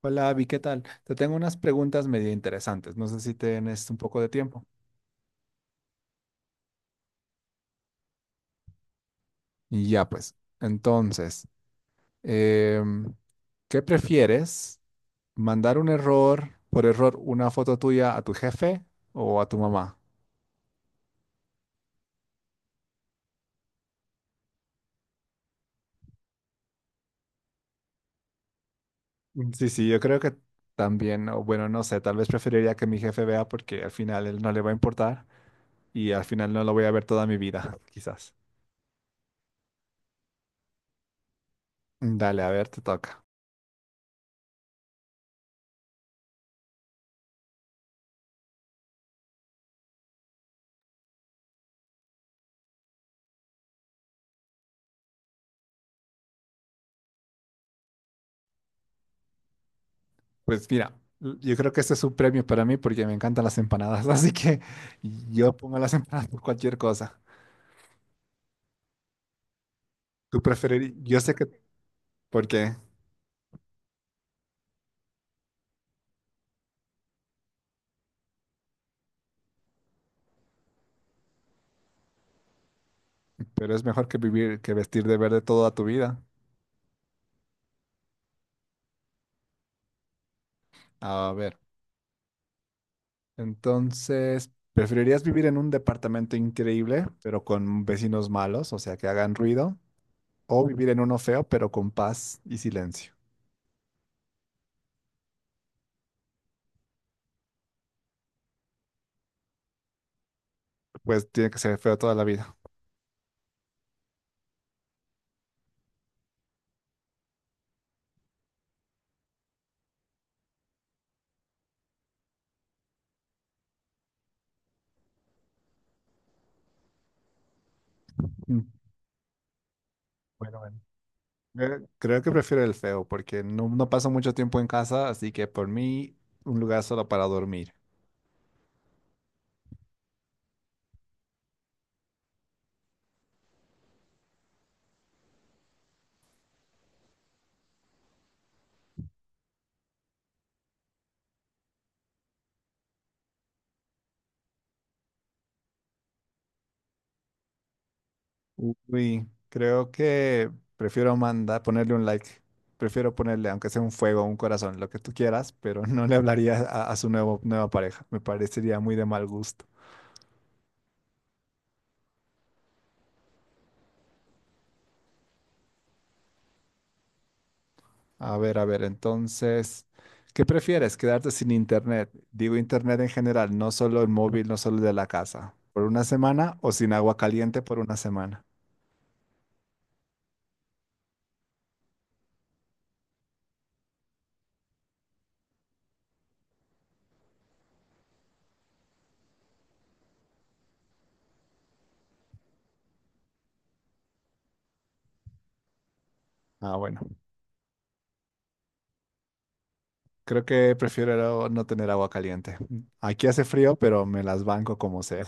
Hola, Abby, ¿qué tal? Te tengo unas preguntas medio interesantes. No sé si tienes un poco de tiempo. Y ya, pues. Entonces, em, ¿qué prefieres? ¿Mandar un error, por error, una foto tuya a tu jefe o a tu mamá? Mm, sí, sí, yo creo que también, o bueno, no sé, tal vez preferiría que mi jefe vea porque al final él no le va a importar y al final no lo voy a ver toda mi vida, quizás. Dale, a ver, te toca. Pues mira, yo creo que este es un premio para mí porque me encantan las empanadas, así que yo pongo las empanadas por cualquier cosa. Tú preferirías, yo sé que por qué, pero es mejor que vivir, que vestir de verde toda tu vida. A ver, entonces, ¿preferirías vivir en un departamento increíble, pero con vecinos malos, o sea, que hagan ruido, o vivir en uno feo, pero con paz y silencio? Pues tiene que ser feo toda la vida. Mm. Bueno, bueno. Creo que prefiero el feo porque no, no paso mucho tiempo en casa, así que por mí un lugar solo para dormir. Uy, creo que prefiero mandar, ponerle un like. Prefiero ponerle, aunque sea un fuego, un corazón, lo que tú quieras, pero no le hablaría a su nuevo, nueva pareja. Me parecería muy de mal gusto. A ver, entonces, ¿qué prefieres? ¿Quedarte sin internet? Digo internet en general, no solo el móvil, no solo el de la casa. ¿Por una semana o sin agua caliente por una semana? Ah, bueno. Creo que prefiero no tener agua caliente. Aquí hace frío, pero me las banco como sea.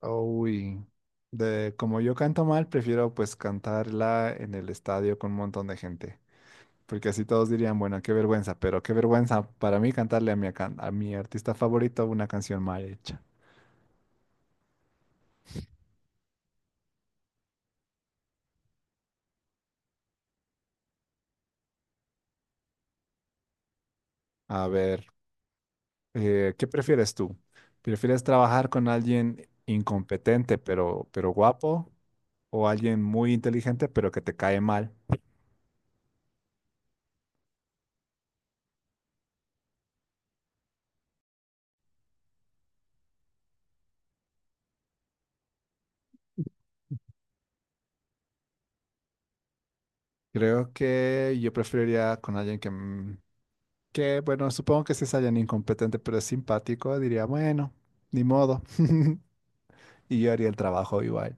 Uy, de como yo canto mal, prefiero pues cantarla en el estadio con un montón de gente, porque así todos dirían, bueno, qué vergüenza, pero qué vergüenza para mí cantarle a mi, a mi artista favorito una canción mal hecha. A ver, ¿qué prefieres tú? ¿Prefieres trabajar con alguien incompetente pero guapo o alguien muy inteligente pero que te cae mal? Creo que yo preferiría con alguien que, mm, que, bueno, supongo que si es alguien incompetente pero es simpático, diría, bueno, ni modo. Y yo haría el trabajo igual.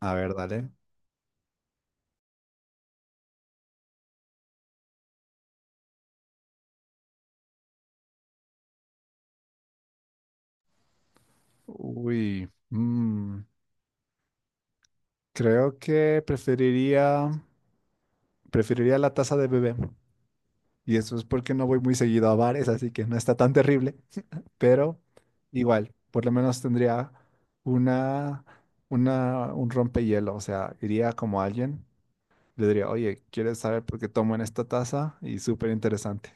A ver, dale. Uy, mm, creo que preferiría la taza de bebé. Y eso es porque no voy muy seguido a bares, así que no está tan terrible. Pero igual, por lo menos tendría una, una, un rompehielo. O sea, iría como alguien. Le diría, oye, ¿quieres saber por qué tomo en esta taza? Y súper interesante.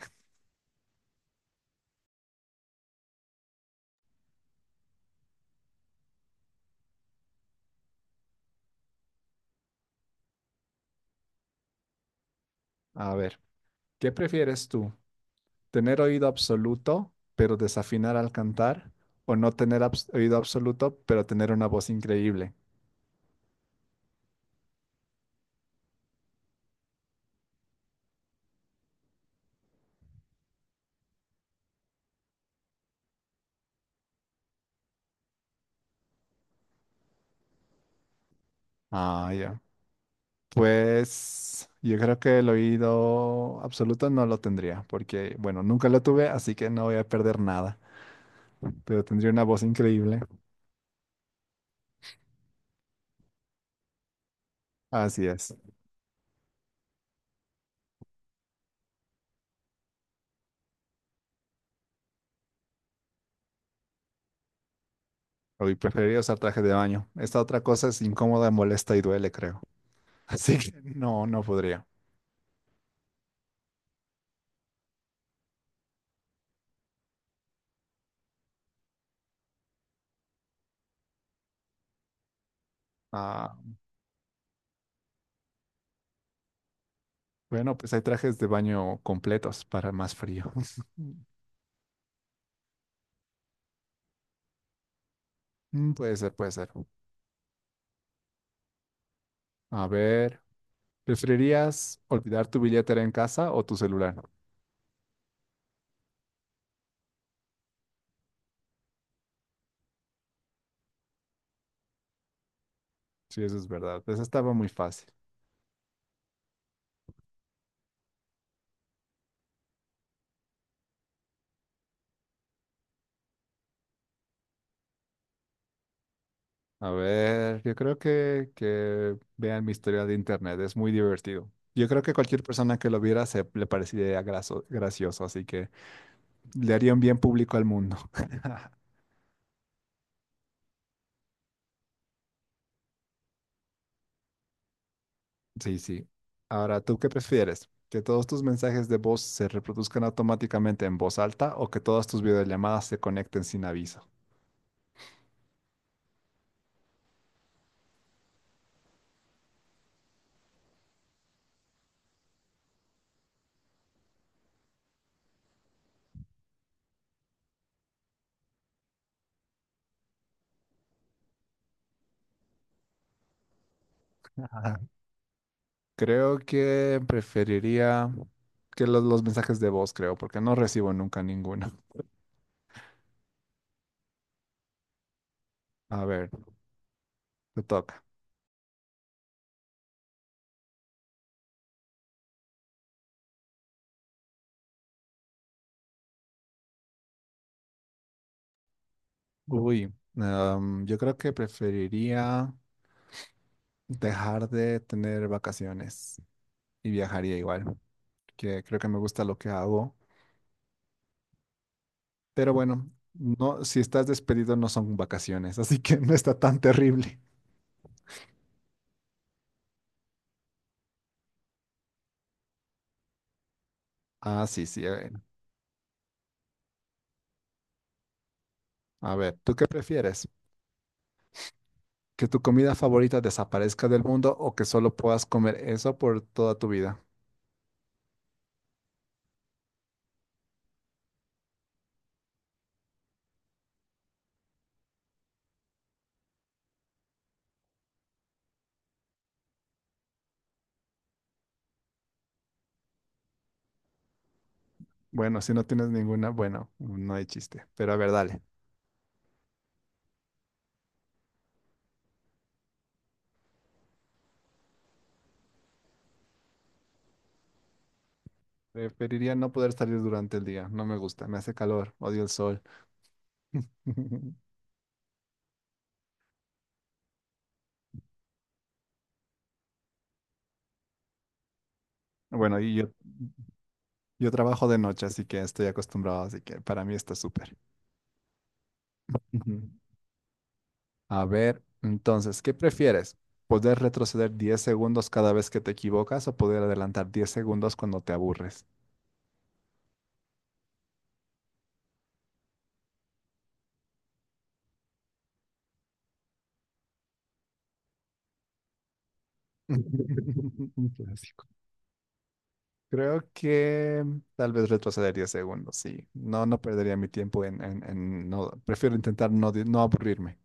A ver, ¿qué prefieres tú? ¿Tener oído absoluto, pero desafinar al cantar? ¿O no tener oído absoluto, pero tener una voz increíble? Ah, ya. Pues yo creo que el oído absoluto no lo tendría, porque, bueno, nunca lo tuve, así que no voy a perder nada, pero tendría una voz increíble. Así es. Hoy preferiría usar traje de baño. Esta otra cosa es incómoda, molesta y duele, creo. Así que no, no podría. Ah, bueno, pues hay trajes de baño completos para más frío. Mm, puede ser, puede ser. A ver, ¿preferirías olvidar tu billetera en casa o tu celular? Sí, eso es verdad. Esa estaba muy fácil. A ver, yo creo que vean mi historia de internet. Es muy divertido. Yo creo que cualquier persona que lo viera se le parecería gracioso, así que le haría un bien público al mundo. Sí, sí. Ahora, ¿tú qué prefieres? ¿Que todos tus mensajes de voz se reproduzcan automáticamente en voz alta o que todas tus videollamadas se conecten sin aviso? Ajá. Creo que preferiría que los mensajes de voz, creo, porque no recibo nunca ninguno. A ver, te toca. Uy, yo creo que preferiría dejar de tener vacaciones y viajaría igual, que creo que me gusta lo que hago. Pero bueno, no, si estás despedido no son vacaciones, así que no está tan terrible. Ah, sí, sí. A ver, ¿tú qué prefieres? ¿Que tu comida favorita desaparezca del mundo o que solo puedas comer eso por toda tu vida? Bueno, si no tienes ninguna, bueno, no hay chiste. Pero a ver, dale. Preferiría no poder salir durante el día. No me gusta, me hace calor, odio el sol. Bueno, y yo trabajo de noche, así que estoy acostumbrado, así que para mí está súper. A ver, entonces, ¿qué prefieres? ¿Poder retroceder 10 segundos cada vez que te equivocas o poder adelantar 10 segundos cuando te aburres? Un clásico. Creo que mm, tal vez retroceder 10 segundos, sí. No, no perdería mi tiempo en, en no. Prefiero intentar no, no aburrirme.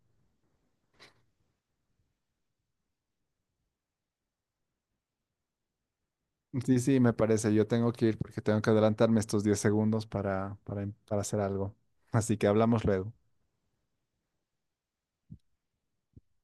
Sí, sí, me parece. Yo tengo que ir porque tengo que adelantarme estos 10 segundos para hacer algo. Así que hablamos luego.